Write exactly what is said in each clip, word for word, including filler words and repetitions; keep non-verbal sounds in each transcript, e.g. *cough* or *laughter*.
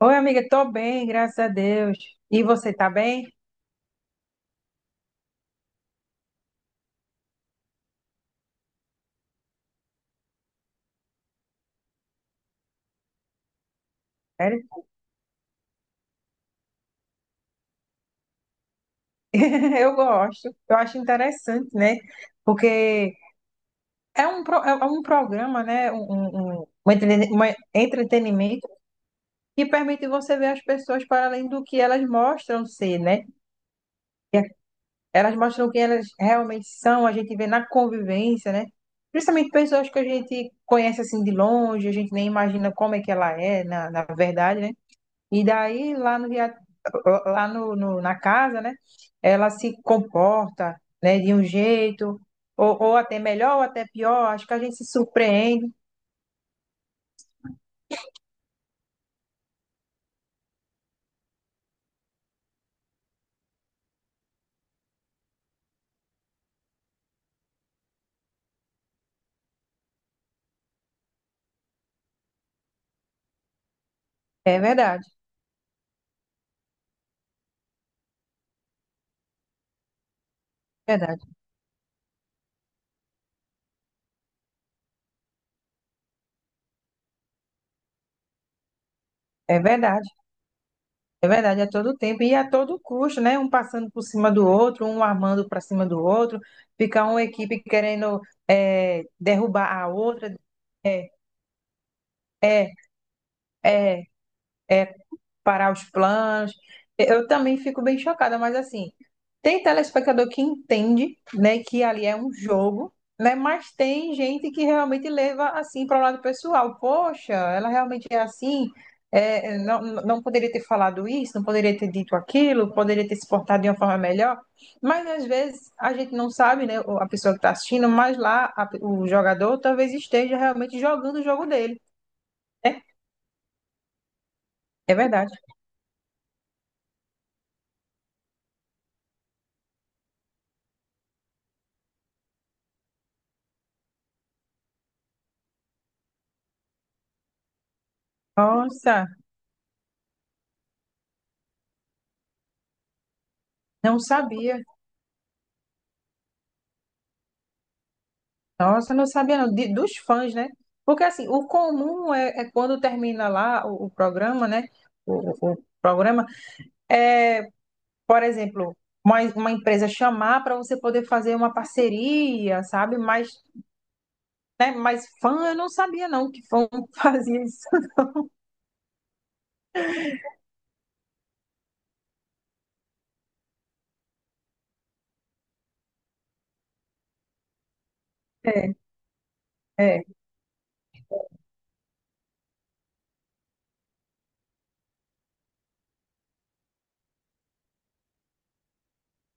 Oi, amiga, tô bem, graças a Deus. E você tá bem? Sério? *laughs* Eu gosto, eu acho interessante, né? Porque é um, pro- é um programa, né? Um, um- um- um entrene- uma- entretenimento que permite você ver as pessoas para além do que elas mostram ser, né? E elas mostram quem elas realmente são, a gente vê na convivência, né? Principalmente pessoas que a gente conhece assim de longe, a gente nem imagina como é que ela é, na, na verdade, né? E daí, lá no, rea- lá no, no- na casa, né? Ela se comporta, né, de um jeito, ou, ou até melhor, ou até pior. Acho que a gente se surpreende. É verdade, é verdade, é verdade, é verdade, a todo tempo e a todo custo, né? Um passando por cima do outro, um armando para cima do outro, fica uma equipe querendo eh, derrubar a outra. É, é, é. Parar os planos. Eu também fico bem chocada, mas assim, tem telespectador que entende, né, que ali é um jogo, né, mas tem gente que realmente leva assim para o lado pessoal. Poxa, ela realmente é assim, é, é, não, não poderia ter falado isso, não poderia ter dito aquilo, poderia ter se portado de uma forma melhor. Mas às vezes a gente não sabe, né, a pessoa que está assistindo, mas lá a- o jogador talvez esteja realmente jogando o jogo dele. né? É verdade. Nossa, não sabia. Nossa, eu não sabia não, de- dos fãs, né? Porque assim, o comum é, é quando termina lá o, o programa, né? O, o o programa é, por exemplo, uma, uma empresa chamar para você poder fazer uma parceria, sabe? Mas, né? Mas fã eu não sabia não que fã *laughs* fazia isso. É, é.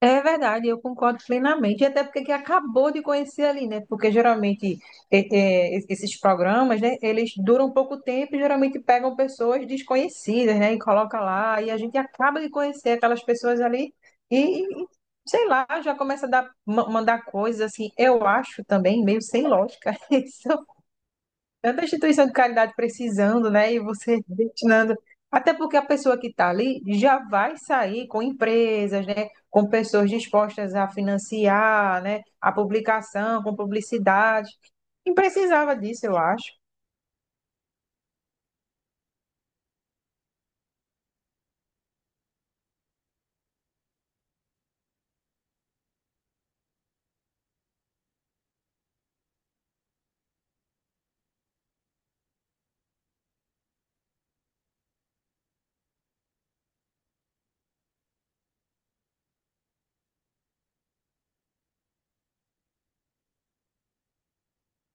É verdade, eu concordo plenamente, E até porque que acabou de conhecer ali, né? Porque geralmente é, é, es- esses programas, né, eles duram pouco tempo e geralmente pegam pessoas desconhecidas, né, e coloca lá, e a gente acaba de conhecer aquelas pessoas ali e, e, sei lá, já começa a dar, ma- mandar coisas assim, eu acho também meio sem lógica *laughs* isso, tanta instituição de caridade precisando, né? E você destinando. Até porque a pessoa que está ali já vai sair com empresas, né? Com pessoas dispostas a financiar, né? A publicação, com publicidade. E precisava disso, eu acho.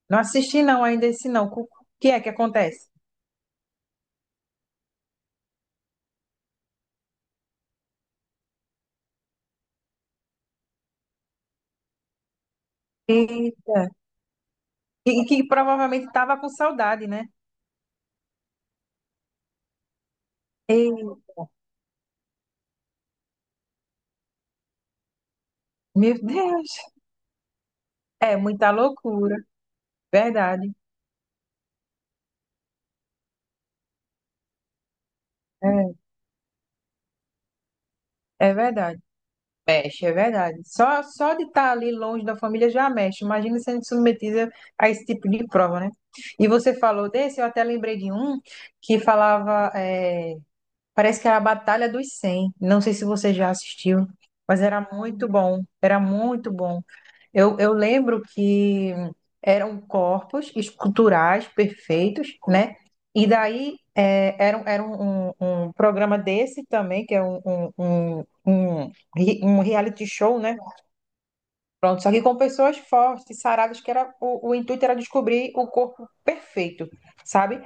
Não assisti não ainda esse não. O que é que acontece? E, e que provavelmente estava com saudade, né? E, meu Deus, é muita loucura, verdade. É, é verdade. Mexe, é verdade. Só, só de estar ali longe da família já mexe. Imagina sendo submetida a esse tipo de prova, né? E você falou desse, eu até lembrei de um que falava, é, parece que era a Batalha dos cem. Não sei se você já assistiu, mas era muito bom. Era muito bom. Eu, eu lembro que eram corpos esculturais perfeitos, né? E daí é, era, um- era um, um, um programa desse também, que é um, um, um, um, re- um reality show, né? Pronto, só que com pessoas fortes, saradas, que era o, o intuito era descobrir o corpo perfeito, sabe?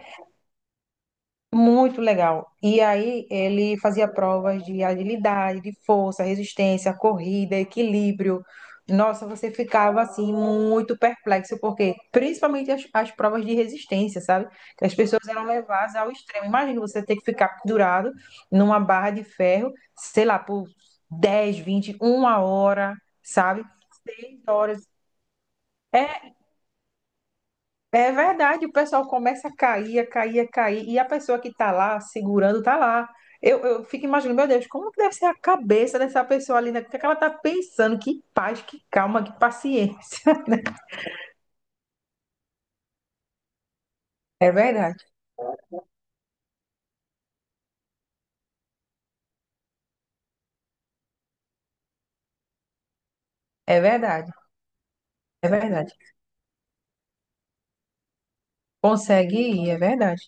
Muito legal. E aí ele fazia provas de agilidade, de força, resistência, corrida, equilíbrio. Nossa, você ficava assim muito perplexo, porque principalmente as, as provas de resistência, sabe? Que as pessoas eram levadas ao extremo. Imagina você ter que ficar pendurado numa barra de ferro, sei lá, por dez, vinte, uma hora, sabe? Seis horas. É É verdade, o pessoal começa a cair, a cair, a cair, e a pessoa que está lá segurando está lá. Eu, eu fico imaginando, meu Deus, como que deve ser a cabeça dessa pessoa ali, né? O que é que ela está pensando? Que paz, que calma, que paciência. *laughs* né? É verdade, é verdade, é verdade. Consegue ir, é verdade.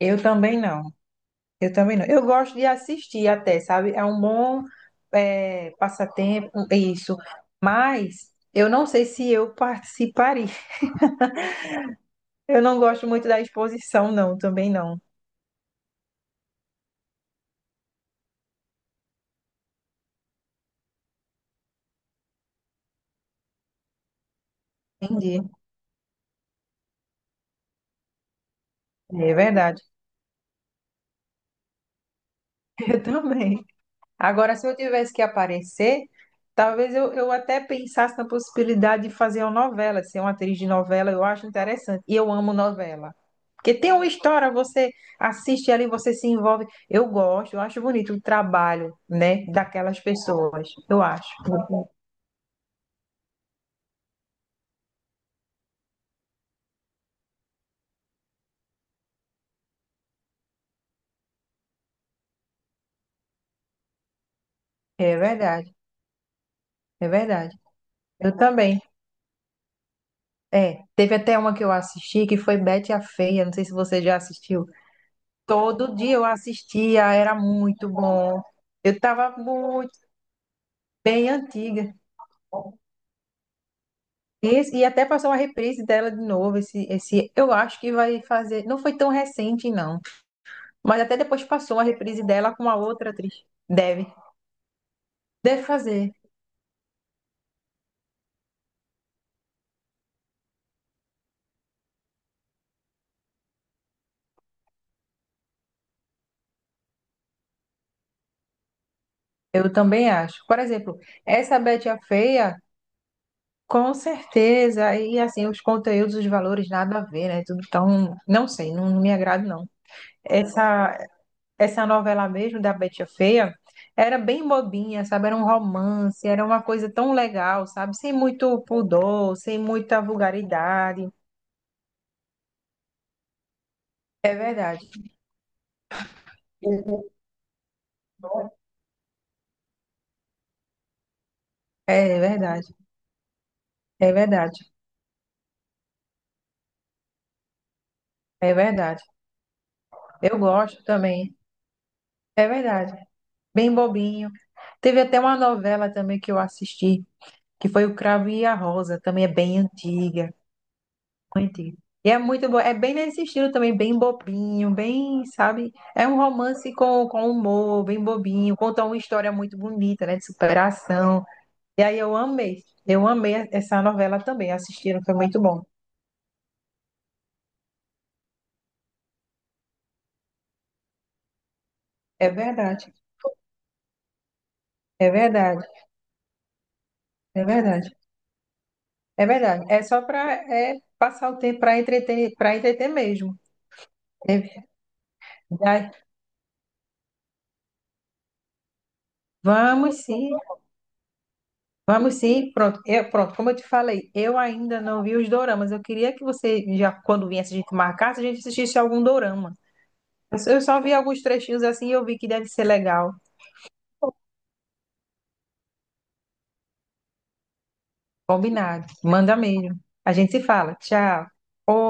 Eu também não, eu também não. Eu gosto de assistir até, sabe? É um bom é, passatempo, um, isso. Mas eu não sei se eu participaria. Eu não gosto muito da exposição, não, também não. Entendi. É verdade. *laughs* Eu também. Agora, se eu tivesse que aparecer, talvez eu, eu até pensasse na possibilidade de fazer uma novela, de ser uma atriz de novela, eu acho interessante. E eu amo novela. Porque tem uma história, você assiste ali, você se envolve. Eu gosto, eu acho bonito o trabalho, né, daquelas pessoas. Eu acho. É verdade, é verdade. Eu também. É, teve até uma que eu assisti que foi Betty a Feia, não sei se você já assistiu. Todo dia eu assistia, era muito bom. Eu estava muito bem antiga. Esse- E, até passou uma reprise dela de novo. Esse, esse, eu acho que vai fazer. Não foi tão recente, não. Mas até depois passou uma reprise dela com uma outra atriz. Deve. Deve fazer. Eu também acho. Por exemplo, essa Betty a Feia, com certeza. E assim, os conteúdos, os valores, nada a ver, né? Tudo tão. Não sei, não, não me agrada, não. Essa, essa novela mesmo da Betty a Feia era bem bobinha, sabe? Era um romance, era uma coisa tão legal, sabe? Sem muito pudor, sem muita vulgaridade. É verdade. É verdade. É verdade. É verdade. Eu gosto também. É verdade. Bem bobinho. Teve até uma novela também que eu assisti, que foi O Cravo e a Rosa, também é bem antiga. Muito. E é muito bom. É bem nesse estilo também, bem bobinho, bem, sabe? É um romance com, com humor, bem bobinho. Conta uma história muito bonita, né? De superação. E aí eu amei. Eu amei essa novela também. Assistiram, foi muito bom. É verdade. É verdade. É verdade. É verdade. É só para passar o tempo para entreter, para entreter mesmo. É verdade. Vamos sim. Vamos sim, pronto. Eu, pronto, como eu te falei, eu ainda não vi os doramas. Eu queria que você, já quando viesse a gente marcasse, a gente assistisse algum dorama. Eu só eu só vi alguns trechinhos assim e eu vi que deve ser legal. Combinado. Manda mesmo. A gente se fala. Tchau. Ô,